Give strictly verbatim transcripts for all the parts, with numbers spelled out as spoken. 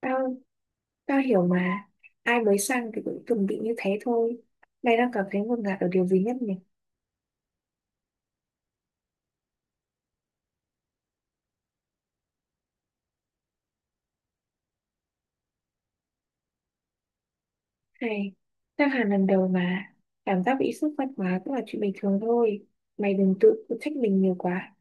Tao, tao hiểu mà. Ai mới sang thì cũng từng bị như thế thôi. Mày đang cảm thấy ngột ngạt ở điều gì nhất nhỉ? Hay tao hẳn lần đầu mà. Cảm giác bị sốc văn hóa cũng là chuyện bình thường thôi. Mày đừng tự trách mình nhiều quá.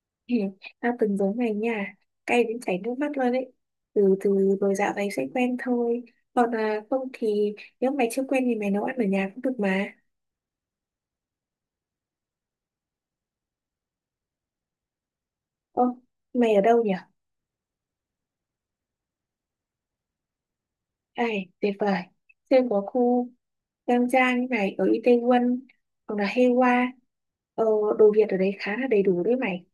Hì, tao từng giống mày nha. Cay đến chảy nước mắt luôn đấy. Từ từ rồi dạo này sẽ quen thôi. Còn là không thì Nếu mày chưa quen thì mày nấu ăn ở nhà cũng được mà. Ô, mày ở đâu nhỉ? Ê, tuyệt vời. Xem có khu Giang trang như này ở Itaewon hoặc là Heiwa. Ờ, đồ Việt ở đấy khá là đầy đủ đấy mày.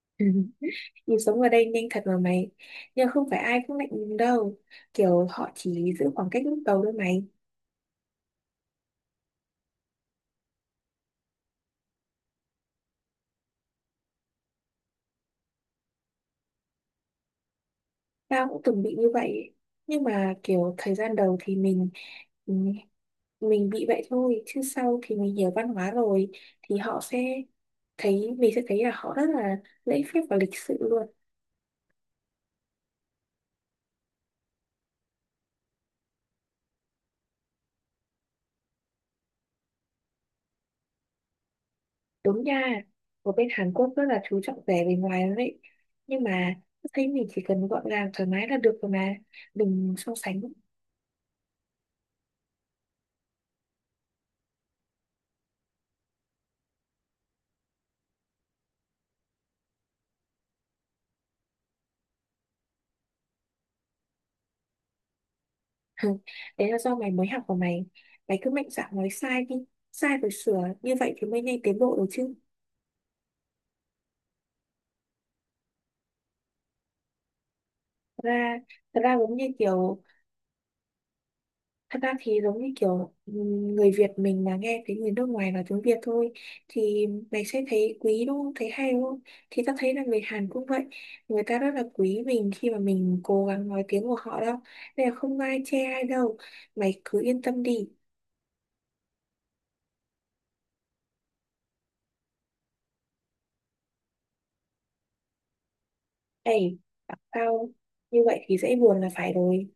Ừ, nhịp sống ở đây nhanh thật mà mày. Nhưng không phải ai cũng lạnh lùng đâu. Kiểu họ chỉ giữ khoảng cách lúc đầu thôi mày. Tao cũng từng bị như vậy. Nhưng mà kiểu thời gian đầu thì mình ừm, mình bị vậy thôi. Chứ sau thì mình hiểu văn hóa rồi thì họ sẽ thấy mình sẽ thấy là họ rất là lễ phép và lịch sự luôn. Đúng nha, ở bên Hàn Quốc rất là chú trọng vẻ bề ngoài lắm đấy. Nhưng mà tôi thấy mình chỉ cần gọn gàng thoải mái là được rồi mà. Đừng so sánh. Đấy là do mày mới học của mày. Mày cứ mạnh dạn nói sai đi. Sai rồi sửa. Như vậy thì mới nhanh tiến bộ được chứ. Thật ra, thật ra giống như kiểu Thật ra thì giống như kiểu ừm, người Việt mình mà nghe thấy người nước ngoài nói tiếng Việt thôi thì mày sẽ thấy quý đúng không? Thấy hay đúng không? Thì tao thấy là người Hàn cũng vậy. Người ta rất là quý mình khi mà mình cố gắng nói tiếng của họ đâu. Nên là không ai chê ai đâu. Mày cứ yên tâm đi. Ê, bảo tao như vậy thì dễ buồn là phải rồi.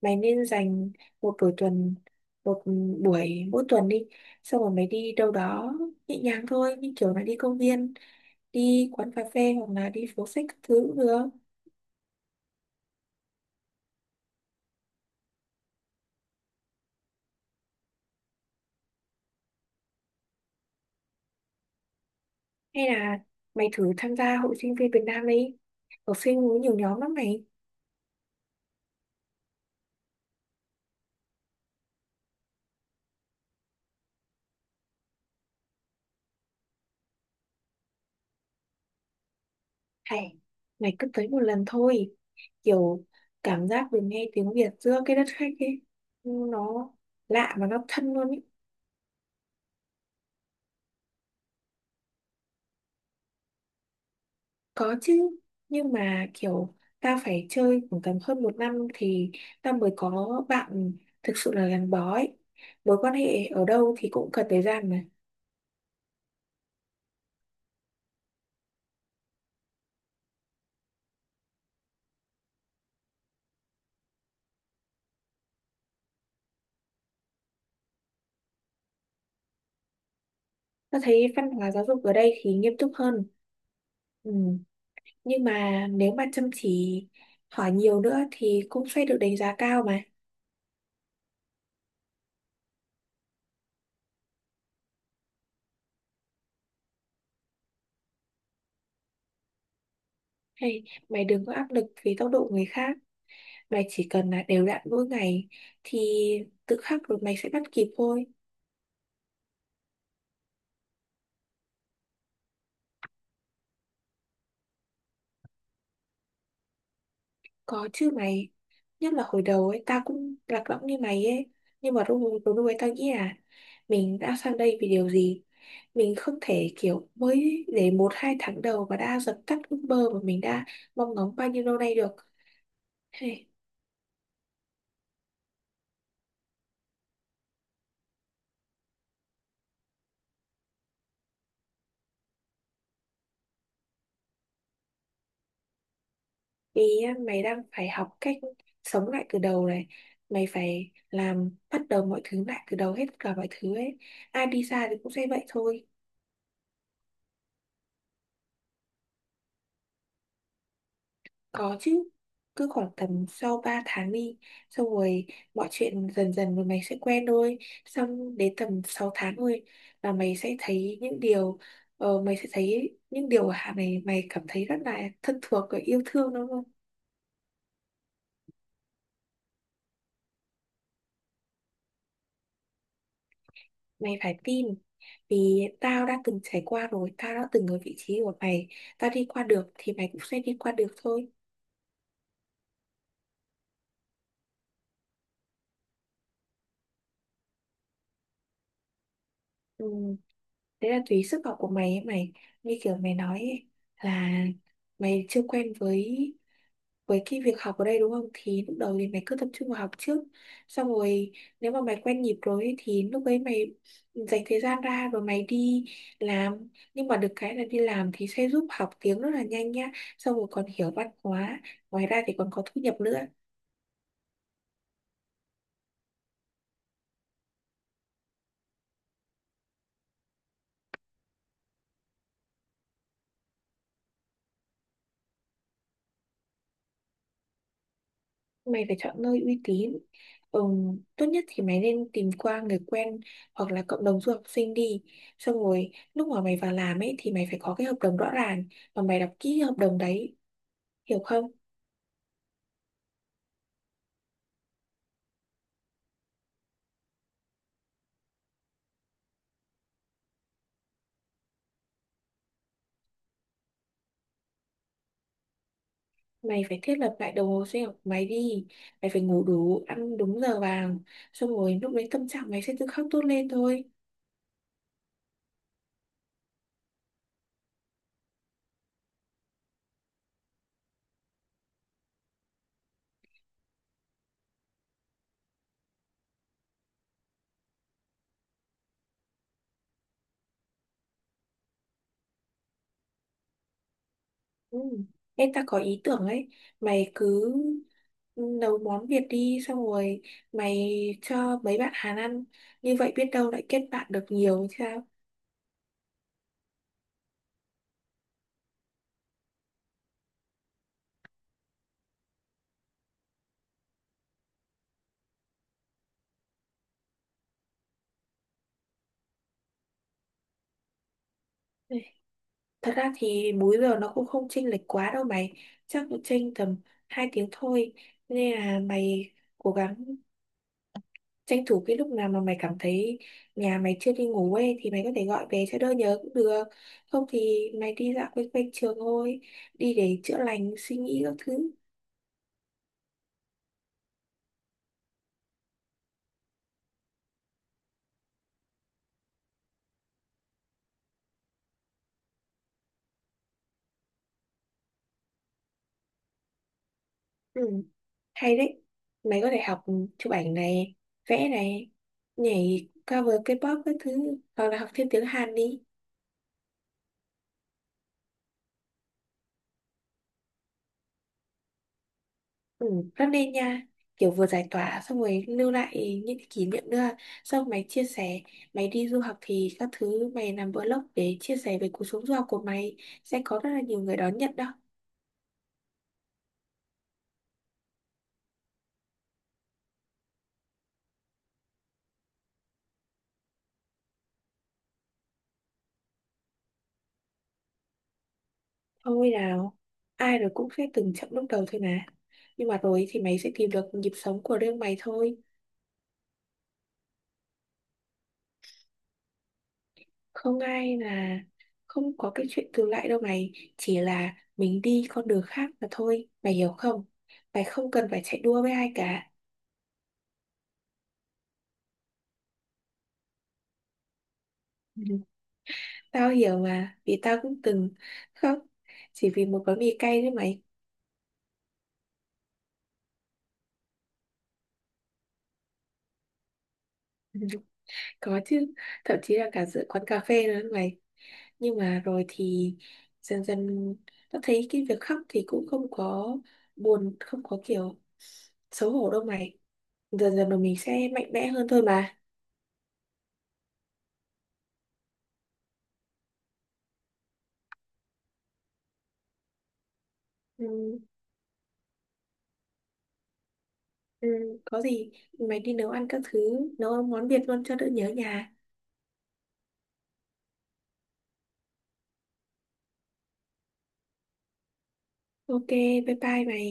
Mày nên dành một buổi tuần, một buổi mỗi tuần đi. Xong rồi mày đi đâu đó nhẹ nhàng thôi. Như kiểu là đi công viên, đi quán cà phê hoặc là đi phố sách các thứ cũng được. Hay là mày thử tham gia hội sinh viên Việt Nam đi, học sinh có nhiều nhóm lắm mày. Hay mày cứ tới một lần thôi, kiểu cảm giác được nghe tiếng Việt giữa cái đất khách ấy, nó lạ và nó thân luôn ấy. Có chứ, nhưng mà kiểu ta phải chơi khoảng tầm hơn một năm thì ta mới có bạn thực sự là gắn bó ấy. Mối quan hệ ở đâu thì cũng cần thời gian mà. Ta thấy văn hóa giáo dục ở đây thì nghiêm túc hơn. Ừ, nhưng mà nếu mà chăm chỉ hỏi nhiều nữa thì cũng sẽ được đánh giá cao mà. Hay mày đừng có áp lực vì tốc độ người khác, mày chỉ cần là đều đặn mỗi ngày thì tự khắc rồi mày sẽ bắt kịp thôi. Có chứ mày. Nhất là hồi đầu ấy. Tao cũng lạc lõng như mày ấy. Nhưng mà lúc lúc lúc ấy tao nghĩ là mình đã sang đây vì điều gì. Mình không thể kiểu mới để một hai tháng đầu mà đã dập tắt ước mơ mà mình đã mong ngóng bao nhiêu lâu nay được. Hey, vì á, mày đang phải học cách sống lại từ đầu này. Mày phải làm bắt đầu mọi thứ lại từ đầu hết cả mọi thứ ấy. Ai đi xa thì cũng sẽ vậy thôi. Có chứ, cứ khoảng tầm sau ba tháng đi, xong rồi mọi chuyện dần dần rồi mày sẽ quen thôi. Xong đến tầm sáu tháng thôi là mày sẽ thấy những điều, ờ, mày sẽ thấy những điều ở Hạ này mày cảm thấy rất là thân thuộc và yêu thương đúng không? Mày phải tin, vì tao đã từng trải qua rồi, tao đã từng ở vị trí của mày, tao đi qua được thì mày cũng sẽ đi qua được thôi. Ừ, đấy là tùy sức học của mày ấy mày, như kiểu mày nói ấy, là mày chưa quen với với cái việc học ở đây đúng không, thì lúc đầu thì mày cứ tập trung vào học trước. Xong rồi nếu mà mày quen nhịp rồi ấy, thì lúc ấy mày dành thời gian ra rồi mày đi làm. Nhưng mà được cái là đi làm thì sẽ giúp học tiếng rất là nhanh nhá. Xong rồi còn hiểu văn hóa, ngoài ra thì còn có thu nhập nữa. Mày phải chọn nơi uy tín. Ừ, tốt nhất thì mày nên tìm qua người quen hoặc là cộng đồng du học sinh đi. Xong rồi lúc mà mày vào làm ấy thì mày phải có cái hợp đồng rõ ràng và mày đọc kỹ hợp đồng đấy, hiểu không. Mày phải thiết lập lại đồng hồ sinh học của mày đi. Mày phải ngủ đủ ăn đúng giờ vàng, xong rồi lúc đấy tâm trạng mày sẽ tự khắc tốt lên thôi. Ừ. Em ta có ý tưởng ấy. Mày cứ, ừ, nấu món Việt đi, xong rồi mày cho mấy bạn Hàn ăn. Như vậy biết đâu lại kết bạn được nhiều thì sao. Ê, thật ra thì múi giờ nó cũng không chênh lệch quá đâu mày, chắc cũng chênh tầm hai tiếng thôi. Nên là mày cố gắng tranh thủ cái lúc nào mà mày cảm thấy nhà mày chưa đi ngủ ấy thì mày có thể gọi về cho đỡ nhớ cũng được. Không thì mày đi dạo quanh quanh trường thôi, đi để chữa lành suy nghĩ các thứ. Ừ, hay đấy. Mày có thể học chụp ảnh này, vẽ này, nhảy cover K-pop các thứ hoặc là học thêm tiếng Hàn đi. Ừ, rất nên nha. Kiểu vừa giải tỏa xong rồi lưu lại những cái kỷ niệm nữa. Xong mày chia sẻ, mày đi du học thì các thứ mày làm vlog để chia sẻ về cuộc sống du học của mày, sẽ có rất là nhiều người đón nhận đó. Thôi nào, ai rồi cũng sẽ từng chậm lúc đầu thôi mà. Nhưng mà rồi thì mày sẽ tìm được nhịp sống của riêng mày thôi. Không ai là không có cái chuyện tương lại đâu mày. Chỉ là mình đi con đường khác mà thôi, mày hiểu không? Mày không cần phải chạy đua với ai cả. Tao hiểu mà, vì tao cũng từng khóc chỉ vì một gói mì cay đấy mày. Có chứ, thậm chí là cả giữa quán cà phê nữa đấy mày. Nhưng mà rồi thì dần dần tao thấy cái việc khóc thì cũng không có buồn, không có kiểu xấu hổ đâu mày. Dần dần rồi mình sẽ mạnh mẽ hơn thôi mà. Ừ. Ừ, có gì mày đi nấu ăn các thứ, nấu món Việt luôn cho đỡ nhớ nhà. Ok, bye bye mày.